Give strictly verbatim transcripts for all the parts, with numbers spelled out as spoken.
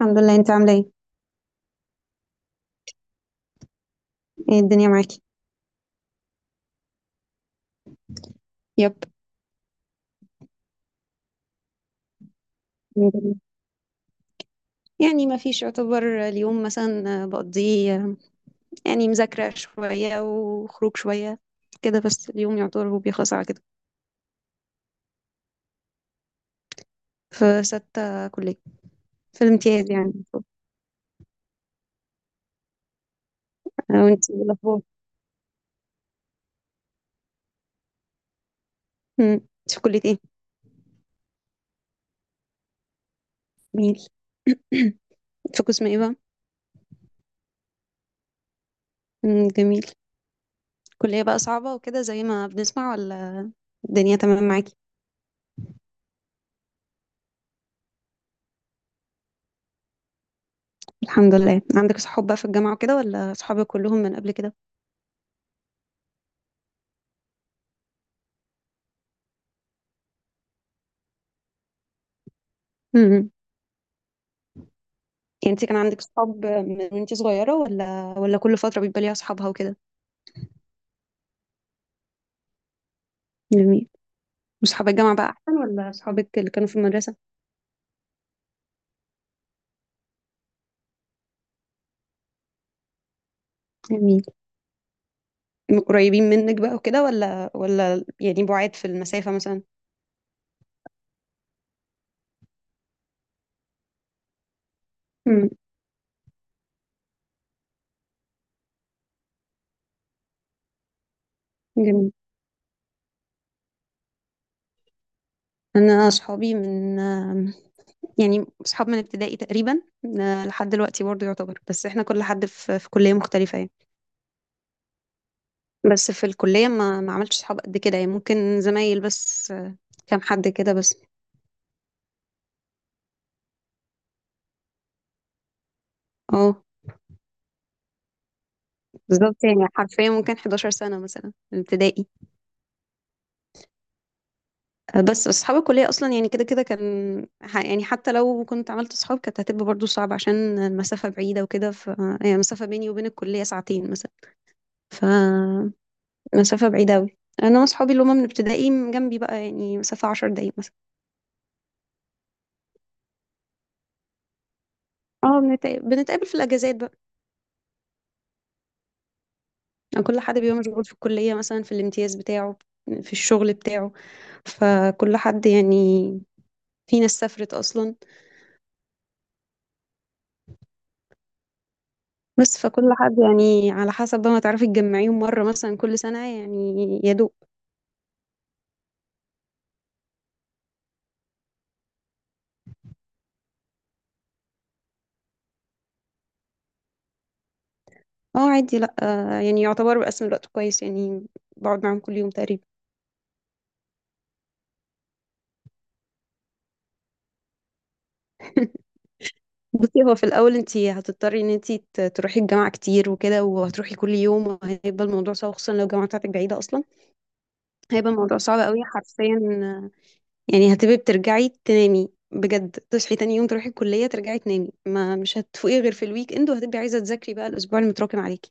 الحمد لله. انت عامله ايه؟ ايه الدنيا معاكي؟ يب. الحمد لله. يعني ما فيش يعتبر. اليوم مثلا بقضيه يعني مذاكره شويه وخروج شويه. كده بس اليوم يعتبر هو بيخلص على كده. في ستة كلية. في الامتياز يعني. آه، وانت ايه الاخبار؟ مم. انت في كلية ايه؟ جميل. في قسم ايه بقى؟ مم، جميل. كلية بقى صعبة وكده زي ما بنسمع، ولا الدنيا تمام معاكي؟ الحمد لله. عندك صحاب بقى في الجامعة وكده، ولا صحابك كلهم من قبل كده؟ يعني انت كان عندك صحاب من وانت صغيرة، ولا ولا كل فترة بيبقى ليها صحابها وكده؟ جميل. وصحاب الجامعة بقى احسن ولا صحابك اللي كانوا في المدرسة؟ جميل. قريبين منك بقى وكده، ولا ولا يعني بعاد في المسافة مثلا؟ امم. جميل. انا صحابي من آم، يعني صحاب من ابتدائي تقريبا. آه، لحد دلوقتي برضه يعتبر، بس احنا كل حد في في كلية مختلفة يعني. بس في الكلية ما ما عملتش صحاب قد كده، يعني ممكن زمايل بس. آه، كام حد كده بس. اه، بالظبط. يعني حرفيا ممكن 11 سنة مثلا ابتدائي. آه، بس أصحاب الكلية أصلا يعني كده كده كان ح- يعني حتى لو كنت عملت أصحاب كانت هتبقى برضو صعبة عشان المسافة بعيدة وكده، ف يعني المسافة بيني وبين الكلية ساعتين مثلا. فمسافة بعيدة أوي. أنا وأصحابي اللي هما من ابتدائي جنبي بقى، يعني مسافة 10 دقايق مثلا. اه، بنتق- بنتقابل في الأجازات بقى. يعني كل حد بيبقى مشغول في الكلية، مثلا في الامتياز بتاعه، في الشغل بتاعه، فكل حد يعني. في ناس سافرت أصلا. بس فكل حد يعني على حسب بقى، ما تعرفي تجمعيهم مرة مثلا كل سنة يعني، يا دوب. اه، عادي. لا، آه، يعني يعتبر بقسم الوقت كويس يعني. بقعد معاهم كل يوم تقريبا. بصي، هو في الأول انتي هتضطري ان انتي ت- تروحي الجامعة كتير وكده، وهتروحي كل يوم، وهيبقى الموضوع صعب خصوصا لو الجامعة بتاعتك بعيدة أصلا. هيبقى الموضوع صعب قوي حرفيا. آه، يعني هتبقي بترجعي تنامي بجد، تصحي تاني يوم تروحي الكلية، ترجعي تنامي، ما مش هتفوقي غير في الويك اند، وهتبقي عايزة تذاكري بقى الأسبوع المتراكم عليكي.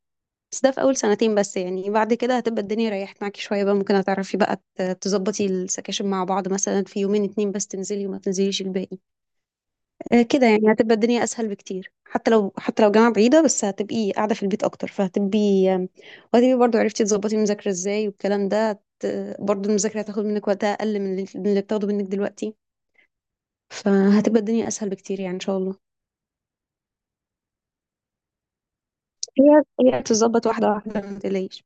بس ده في أول سنتين بس. يعني بعد كده هتبقى الدنيا ريحت معاكي شوية بقى، ممكن هتعرفي بقى ت- تظبطي السكاشن مع بعض مثلا في يومين اتنين بس، تنزلي وما تنزليش الباقي. آه، كده يعني هتبقى الدنيا أسهل بكتير. حتى لو حتى لو جامعة بعيدة بس هتبقي قاعدة في البيت أكتر، فهتبقي آم، وهتبقي برضه عرفتي تظبطي المذاكرة ازاي والكلام ده. هت- برضه المذاكرة هتاخد منك وقتها أقل من اللي من اللي بتاخده منك دلوقتي. فهتبقى الدنيا أسهل بكتير يعني، إن شاء الله. هي هي بتتظبط واحدة واحدة، ما تقلقيش.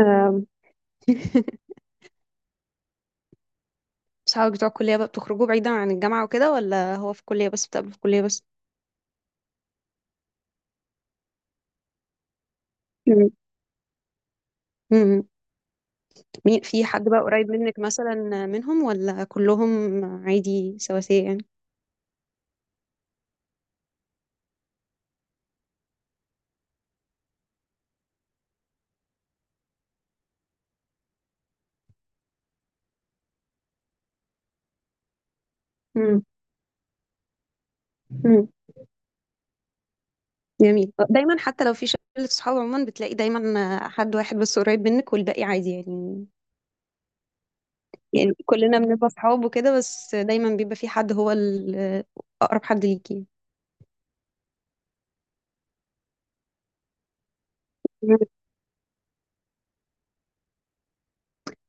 آم، صحابك بتوع الكلية بقى بتخرجوا بعيدا عن الجامعة وكده، ولا هو في الكلية بس بتقابلوا في الكلية بس؟ مم. مم. مين في حد بقى قريب منك مثلا منهم، ولا كلهم عادي سواسية يعني؟ مم. مم. جميل. دايما حتى لو في شلة صحاب عموما بتلاقي دايما حد واحد بس قريب منك والباقي عادي يعني. يعني كلنا بنبقى صحاب وكده، بس دايما بيبقى في حد هو ال- أقرب حد ليكي.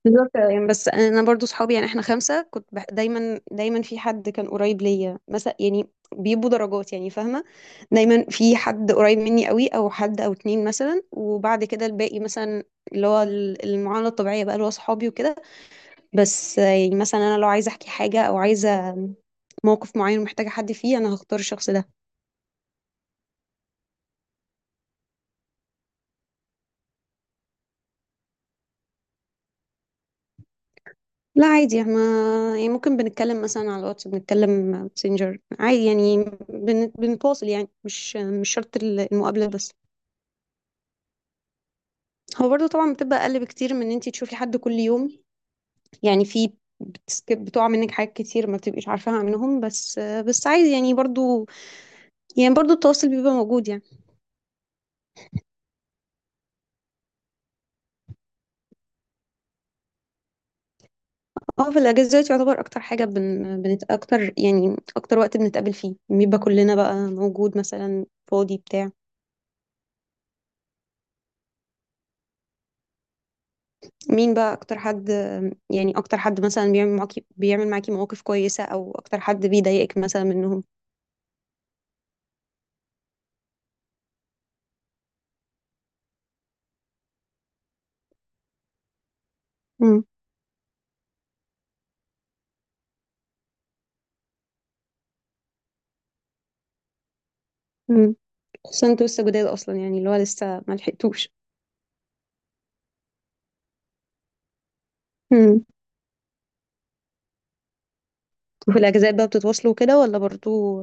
بالظبط يعني. بس انا برضو صحابي يعني، احنا خمسه كنت بح... دايما دايما في حد كان قريب ليا مثلا يعني. بيبقوا درجات يعني، فاهمه؟ دايما في حد قريب مني قوي، او حد او اتنين مثلا، وبعد كده الباقي مثلا اللي هو ال- المعامله الطبيعيه بقى اللي هو صحابي وكده. بس يعني مثلا انا لو عايزه احكي حاجه او عايزه موقف معين ومحتاجه حد فيه، انا هختار الشخص ده. لا عادي، احنا يعني ممكن بنتكلم مثلا على الواتس، بنتكلم ماسنجر عادي يعني بن... بنتواصل يعني، مش مش شرط المقابله بس. هو برضه طبعا بتبقى اقل بكتير من ان انت تشوفي حد كل يوم. يعني في بتسكب بتقع منك حاجات كتير ما بتبقيش عارفاها عنهم، بس بس عايز يعني برضو. يعني برضو التواصل بيبقى موجود يعني. اه، في الاجازات يعتبر اكتر حاجه بن بنت اكتر، يعني اكتر وقت بنتقابل فيه بيبقى كلنا بقى موجود مثلا. فاضي بتاع. مين بقى اكتر حد؟ يعني اكتر حد مثلا بيعمل معاكي بيعمل معاكي مواقف كويسه، او اكتر حد بيضايقك مثلا منهم؟ امم امم خصوصا انتوا لسه جداد اصلا، يعني اللي هو لسه ما لحقتوش. وفي الأجازات بقى بتتواصلوا كده، ولا برضو؟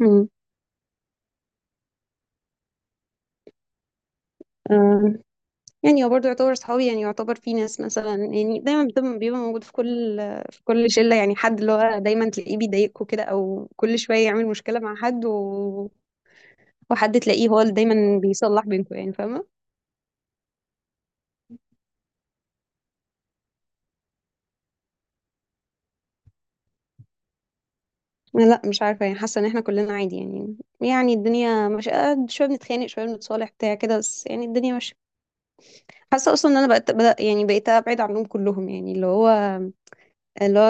مم. آه، يعني هو برضو يعتبر صحابي يعني. يعتبر في ناس مثلا يعني دايما بتبقى- بيبقى موجود في كل في كل شلة، يعني حد اللي هو دايما تلاقيه بيضايقكوا كده أو كل شوية يعمل مشكلة مع حد و... وحد تلاقيه هو اللي دايما بيصلح بينكوا يعني، فاهمة؟ لا مش عارفة، يعني حاسة إن احنا كلنا عادي. يعني يعني الدنيا مش، آه، شوية بنتخانق شوية بنتصالح بتاع كده، بس يعني الدنيا مش. حاسة أصلا إن أنا بقت بدأ يعني بقيت أبعد عنهم كلهم يعني اللي هو اللي هو.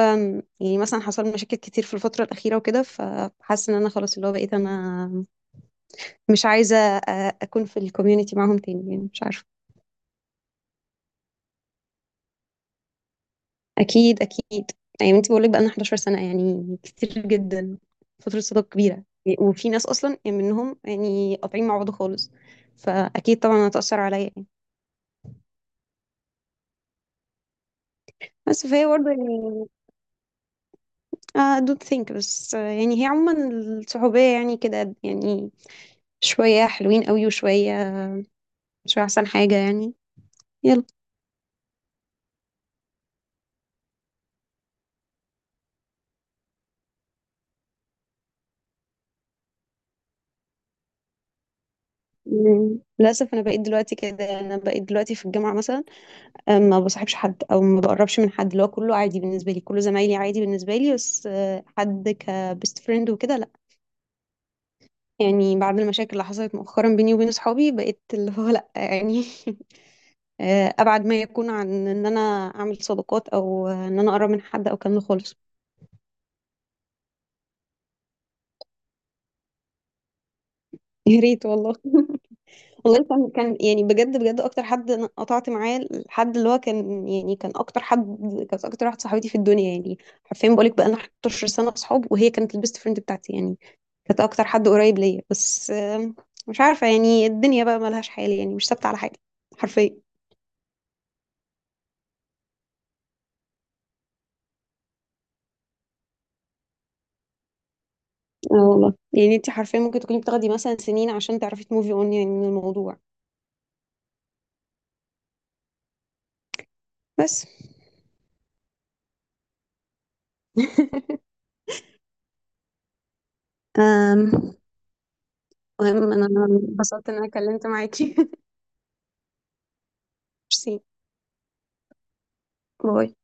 يعني مثلا حصل لي مشاكل كتير في الفترة الأخيرة وكده، فحاسة إن أنا خلاص اللي هو بقيت أنا مش عايزة أ- أكون في الكوميونتي معاهم تاني يعني، مش عارفة. أكيد أكيد. يعني أنت بقولك بقالنا 11 سنة، يعني كتير جدا، فترة صداقة كبيرة. وفي ناس أصلا يعني منهم يعني قاطعين مع بعض خالص، فأكيد طبعا هتأثر عليا يعني. بس فهي برضه يعني، آه، I don't think، بس يعني هي عموما الصحوبية يعني كده يعني، شوية حلوين قوي وشوية مش أحسن حاجة يعني، يلا. مم. للأسف أنا بقيت دلوقتي كده، أنا بقيت دلوقتي في الجامعة مثلا. آه، ما بصاحبش حد أو ما بقربش من حد، اللي هو كله عادي بالنسبة لي، كله زمايلي عادي بالنسبة لي، بس آه، حد كبيست فريند وكده لأ. يعني بعد المشاكل اللي حصلت مؤخرا بيني وبين صحابي، بقيت اللي هو لأ يعني. آه، أبعد ما يكون عن إن أنا أعمل صداقات، أو آه، إن أنا أقرب من حد أو كلام خالص. يا ريت والله. والله كان كان يعني بجد بجد اكتر حد انا قطعت معاه، الحد اللي هو كان يعني، كان اكتر حد، كانت اكتر واحده صاحبتي في الدنيا يعني. حرفيا بقولك بقى لنا 11 سنه اصحاب، وهي كانت البيست فريند بتاعتي يعني. كانت اكتر حد قريب ليا، بس آم، مش عارفه يعني، الدنيا بقى ملهاش حال يعني، مش ثابته على حاجه. حرفيا. اه والله يعني، انت حرفيا ممكن تكوني بتاخدي مثلا سنين عشان تعرفي تموفي اون يعني من الموضوع. بس أم المهم انا انبسطت ان انا اتكلمت معاكي. ميرسي. باي.